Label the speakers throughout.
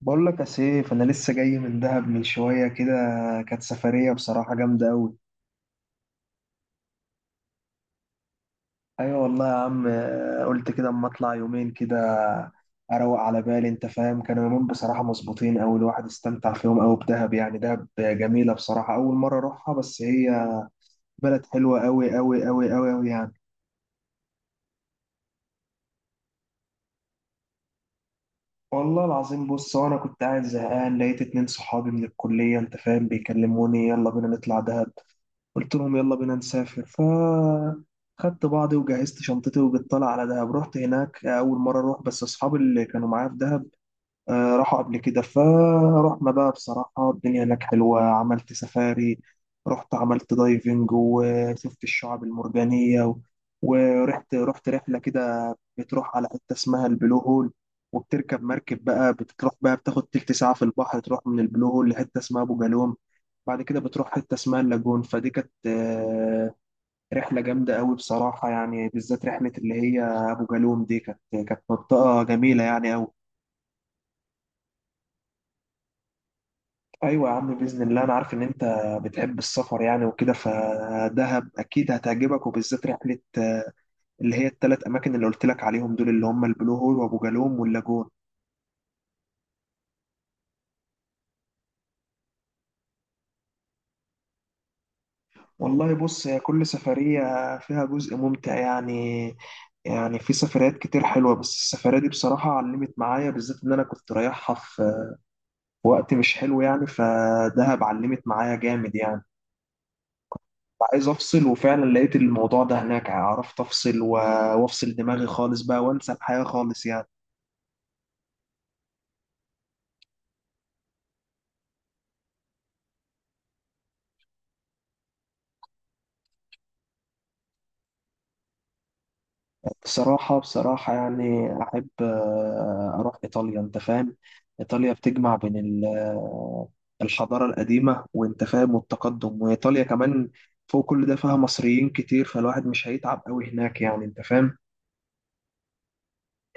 Speaker 1: بقول لك يا سيف، انا لسه جاي من دهب من شويه كده. كانت سفريه بصراحه جامده قوي. ايوه والله يا عم، قلت كده اما اطلع يومين كده اروق على بالي. انت فاهم؟ كانوا يومين بصراحه مظبوطين قوي، الواحد استمتع فيهم قوي بدهب. يعني دهب جميله بصراحه، اول مره اروحها، بس هي بلد حلوه قوي قوي قوي قوي قوي يعني. والله العظيم بص، وانا كنت قاعد زهقان لقيت 2 صحابي من الكليه، انت فاهم، بيكلموني يلا بينا نطلع دهب. قلت لهم يلا بينا نسافر. خدت بعضي وجهزت شنطتي وبالطلع على دهب. رحت هناك أول مرة أروح، بس أصحابي اللي كانوا معايا في دهب راحوا قبل كده. فرحنا بقى، بصراحة الدنيا هناك حلوة، عملت سفاري، رحت عملت دايفنج وشفت الشعاب المرجانية ورحت رحلة كده، بتروح على حتة اسمها البلو هول، وبتركب مركب بقى بتروح بقى بتاخد تلت ساعة في البحر، تروح من البلو هول لحتة اسمها أبو جالوم. بعد كده بتروح حتة اسمها اللاجون. فدي كانت رحلة جامدة قوي بصراحة، يعني بالذات رحلة اللي هي أبو جالوم دي، كانت منطقة جميلة يعني قوي. أيوة يا عم، بإذن الله، أنا عارف إن أنت بتحب السفر يعني وكده، فدهب أكيد هتعجبك، وبالذات رحلة اللي هي التلات أماكن اللي قلت لك عليهم دول، اللي هم البلو هول وأبو جالوم واللاجون. والله بص، هي كل سفرية فيها جزء ممتع يعني. يعني في سفريات كتير حلوة، بس السفرية دي بصراحة علمت معايا، بالذات إن أنا كنت رايحها في وقت مش حلو يعني، فدهب علمت معايا جامد يعني. عايز افصل، وفعلا لقيت الموضوع ده هناك، عرفت افصل وافصل دماغي خالص بقى وانسى الحياة خالص يعني. بصراحة يعني احب اروح ايطاليا، انت فاهم؟ ايطاليا بتجمع بين الحضارة القديمة، وانت فاهم، والتقدم. وايطاليا كمان فوق كل ده فيها مصريين كتير، فالواحد مش هيتعب قوي هناك يعني، انت فاهم.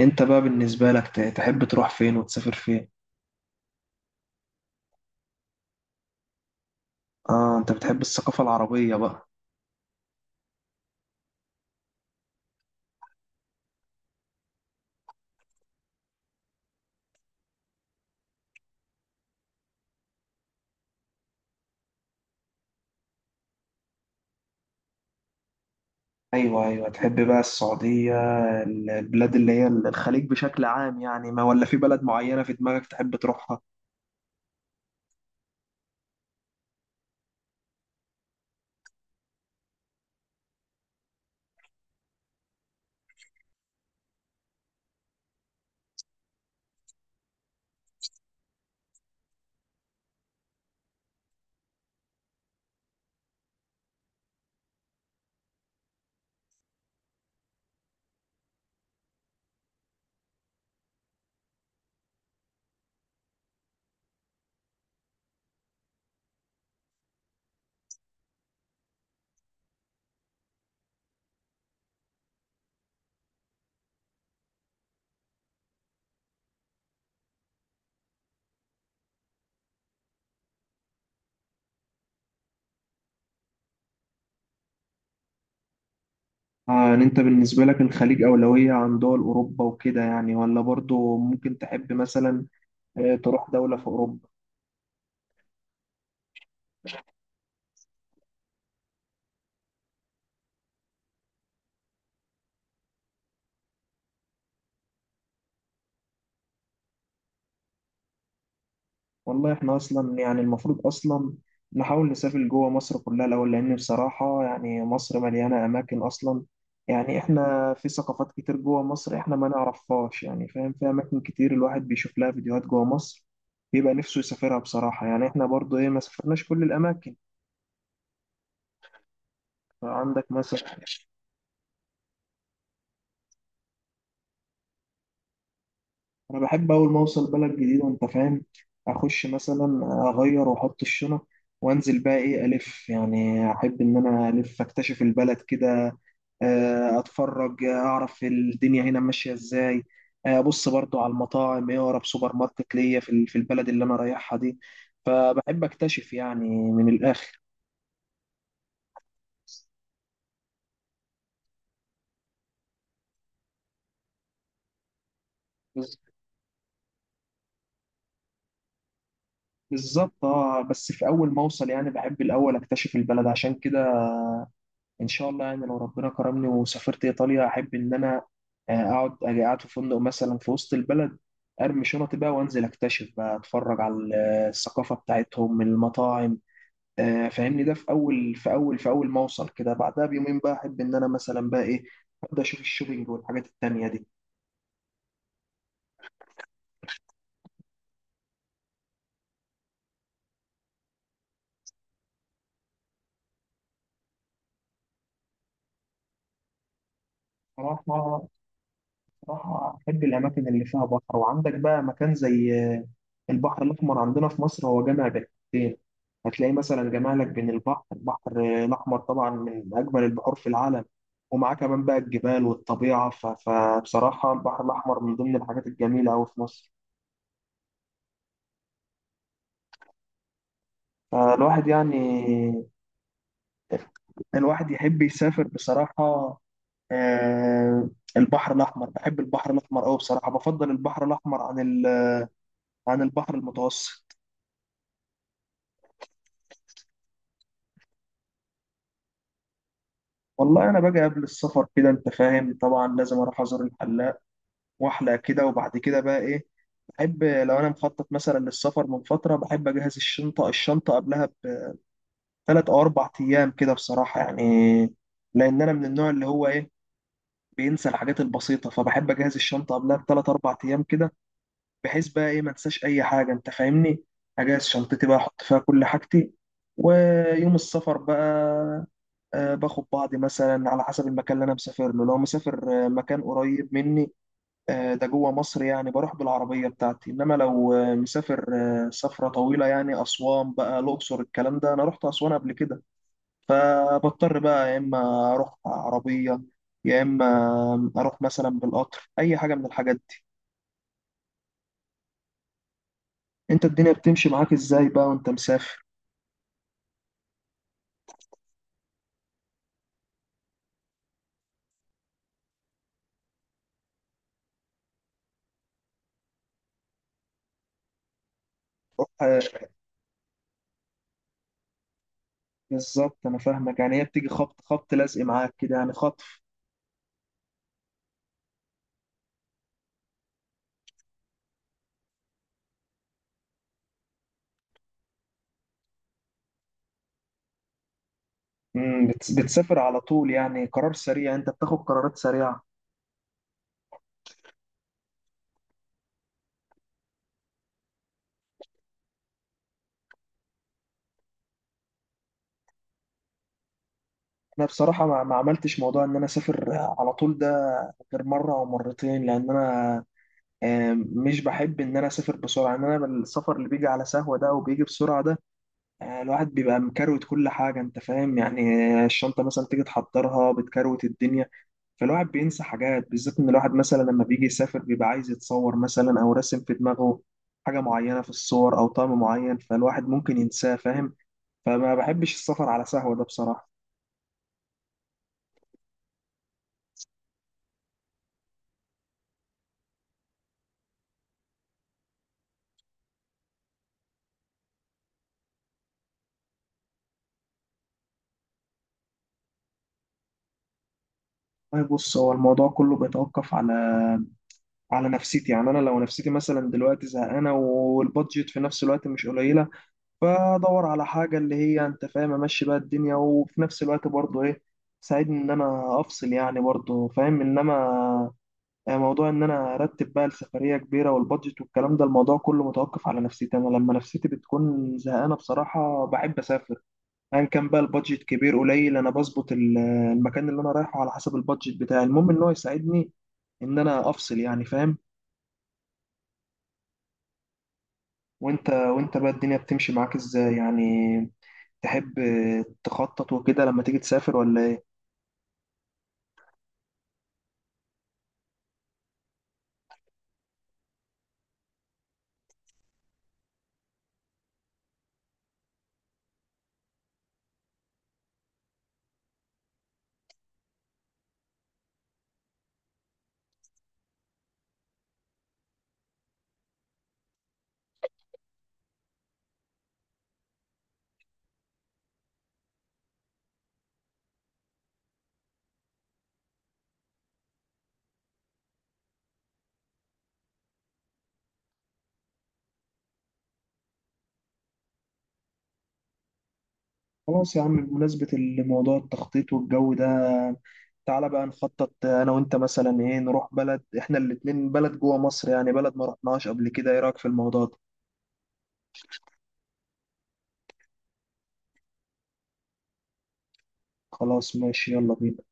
Speaker 1: انت بقى بالنسبة لك تحب تروح فين وتسافر فين؟ اه انت بتحب الثقافة العربية بقى. ايوه ايوه، تحب بقى السعودية، البلاد اللي هي الخليج بشكل عام يعني؟ ما ولا في بلد معينة في دماغك تحب تروحها؟ اه، يعني انت بالنسبة لك الخليج أولوية عن دول أوروبا وكده يعني؟ ولا برضو ممكن تحب مثلا تروح دولة في أوروبا؟ والله احنا اصلا يعني، المفروض اصلا نحاول نسافر جوه مصر كلها الاول، لان بصراحه يعني مصر مليانه اماكن اصلا. يعني احنا في ثقافات كتير جوه مصر احنا ما نعرفهاش يعني، فاهم؟ في اماكن كتير الواحد بيشوف لها فيديوهات جوه مصر بيبقى نفسه يسافرها بصراحه، يعني احنا برضو ايه ما سافرناش كل الاماكن. عندك مثلا. انا بحب اول ما اوصل بلد جديده، انت فاهم؟ اخش مثلا اغير واحط الشنط، وانزل بقى ايه الف، يعني احب ان انا الف اكتشف البلد كده، اتفرج، اعرف الدنيا هنا ماشيه ازاي، ابص برضو على المطاعم، ايه اقرب سوبر ماركت ليا في البلد اللي انا رايحها دي. فبحب اكتشف يعني من الاخر. بز- بالظبط، اه بس في اول ما اوصل يعني بحب الاول اكتشف البلد، عشان كده ان شاء الله يعني لو ربنا كرمني وسافرت ايطاليا، احب ان انا اقعد اجي قاعد في فندق مثلا في وسط البلد، ارمي شنطي بقى وانزل اكتشف بقى، اتفرج على الثقافه بتاعتهم، المطاعم، فاهمني، ده في اول ما اوصل كده. بعدها بيومين بقى احب ان انا مثلا بقى ايه ابدا اشوف الشوبينج والحاجات التانيه دي. صراحه صراحة أحب الأماكن اللي فيها بحر، وعندك بقى مكان زي البحر الأحمر عندنا في مصر، هو جامع بين حاجتين، هتلاقي مثلا جامع لك بين البحر الأحمر طبعا، من أجمل البحور في العالم، ومعاه كمان بقى الجبال والطبيعة. فبصراحة البحر الأحمر من ضمن الحاجات الجميلة أوي في مصر. فالواحد يعني الواحد يحب يسافر بصراحة، آه، البحر الأحمر، بحب البحر الأحمر أوي بصراحة. بفضل البحر الأحمر عن عن البحر المتوسط. والله انا باجي قبل السفر كده، انت فاهم، طبعا لازم اروح ازور الحلاق واحلق كده، وبعد كده بقى ايه بحب لو انا مخطط مثلا للسفر من فتره، بحب اجهز الشنطه قبلها ب3 أو 4 أيام كده بصراحه يعني، لان انا من النوع اللي هو ايه بينسى الحاجات البسيطه. فبحب اجهز الشنطه قبلها ب3 4 أيام كده، بحيث بقى ايه ما انساش اي حاجه، انت فاهمني؟ اجهز شنطتي بقى، احط فيها كل حاجتي. ويوم السفر بقى باخد بعضي مثلا على حسب المكان اللي انا مسافر له. لو مسافر مكان قريب مني ده جوه مصر يعني، بروح بالعربيه بتاعتي. انما لو مسافر سفره طويله يعني اسوان بقى، الاقصر، الكلام ده، انا رحت اسوان قبل كده، فبضطر بقى يا اما اروح عربيه، يا اما اروح مثلا بالقطر، اي حاجه من الحاجات دي. انت الدنيا بتمشي معاك ازاي بقى وانت مسافر؟ آه، بالظبط انا فاهمك، يعني هي بتيجي خبط خبط لازق معاك كده يعني، خط. مم، بتسافر على طول يعني؟ قرار سريع، انت بتاخد قرارات سريعه؟ انا بصراحه ما ما عملتش موضوع ان انا اسافر على طول ده غير مره او مرتين، لان انا مش بحب ان انا اسافر بسرعه. ان انا السفر اللي بيجي على سهوه ده وبيجي بسرعه ده، الواحد بيبقى مكروت كل حاجه، انت فاهم يعني. الشنطه مثلا تيجي تحضرها بتكروت الدنيا، فالواحد بينسى حاجات، بالذات ان الواحد مثلا لما بيجي يسافر بيبقى عايز يتصور مثلا، او راسم في دماغه حاجه معينه في الصور، او طعم معين، فالواحد ممكن ينساه، فاهم؟ فما بحبش السفر على سهوة ده بصراحة. طيب بص، هو الموضوع كله بيتوقف على نفسيتي، يعني انا لو نفسيتي مثلا دلوقتي زهقانه، والبادجت في نفس الوقت مش قليله، فادور على حاجه اللي هي انت فاهم امشي بقى الدنيا، وفي نفس الوقت برضه ايه تساعدني ان انا افصل يعني، برضه فاهم. انما موضوع ان انا ارتب بقى السفريه كبيره والبادجت والكلام ده، الموضوع كله متوقف على نفسيتي. انا لما نفسيتي بتكون زهقانه بصراحه بحب اسافر، ايا كان بقى البادجت كبير قليل. انا بظبط المكان اللي انا رايحه على حسب البادجت بتاعي، المهم ان هو يساعدني ان انا افصل يعني، فاهم؟ وانت بقى الدنيا بتمشي معاك ازاي يعني؟ تحب تخطط وكده لما تيجي تسافر ولا ايه؟ خلاص يا عم، بمناسبة الموضوع، التخطيط والجو ده، تعالى بقى نخطط انا وانت مثلا ايه، نروح بلد احنا الاتنين، بلد جوه مصر يعني، بلد ما رحناهاش قبل كده، ايه رايك في الموضوع ده؟ خلاص ماشي، يلا بينا.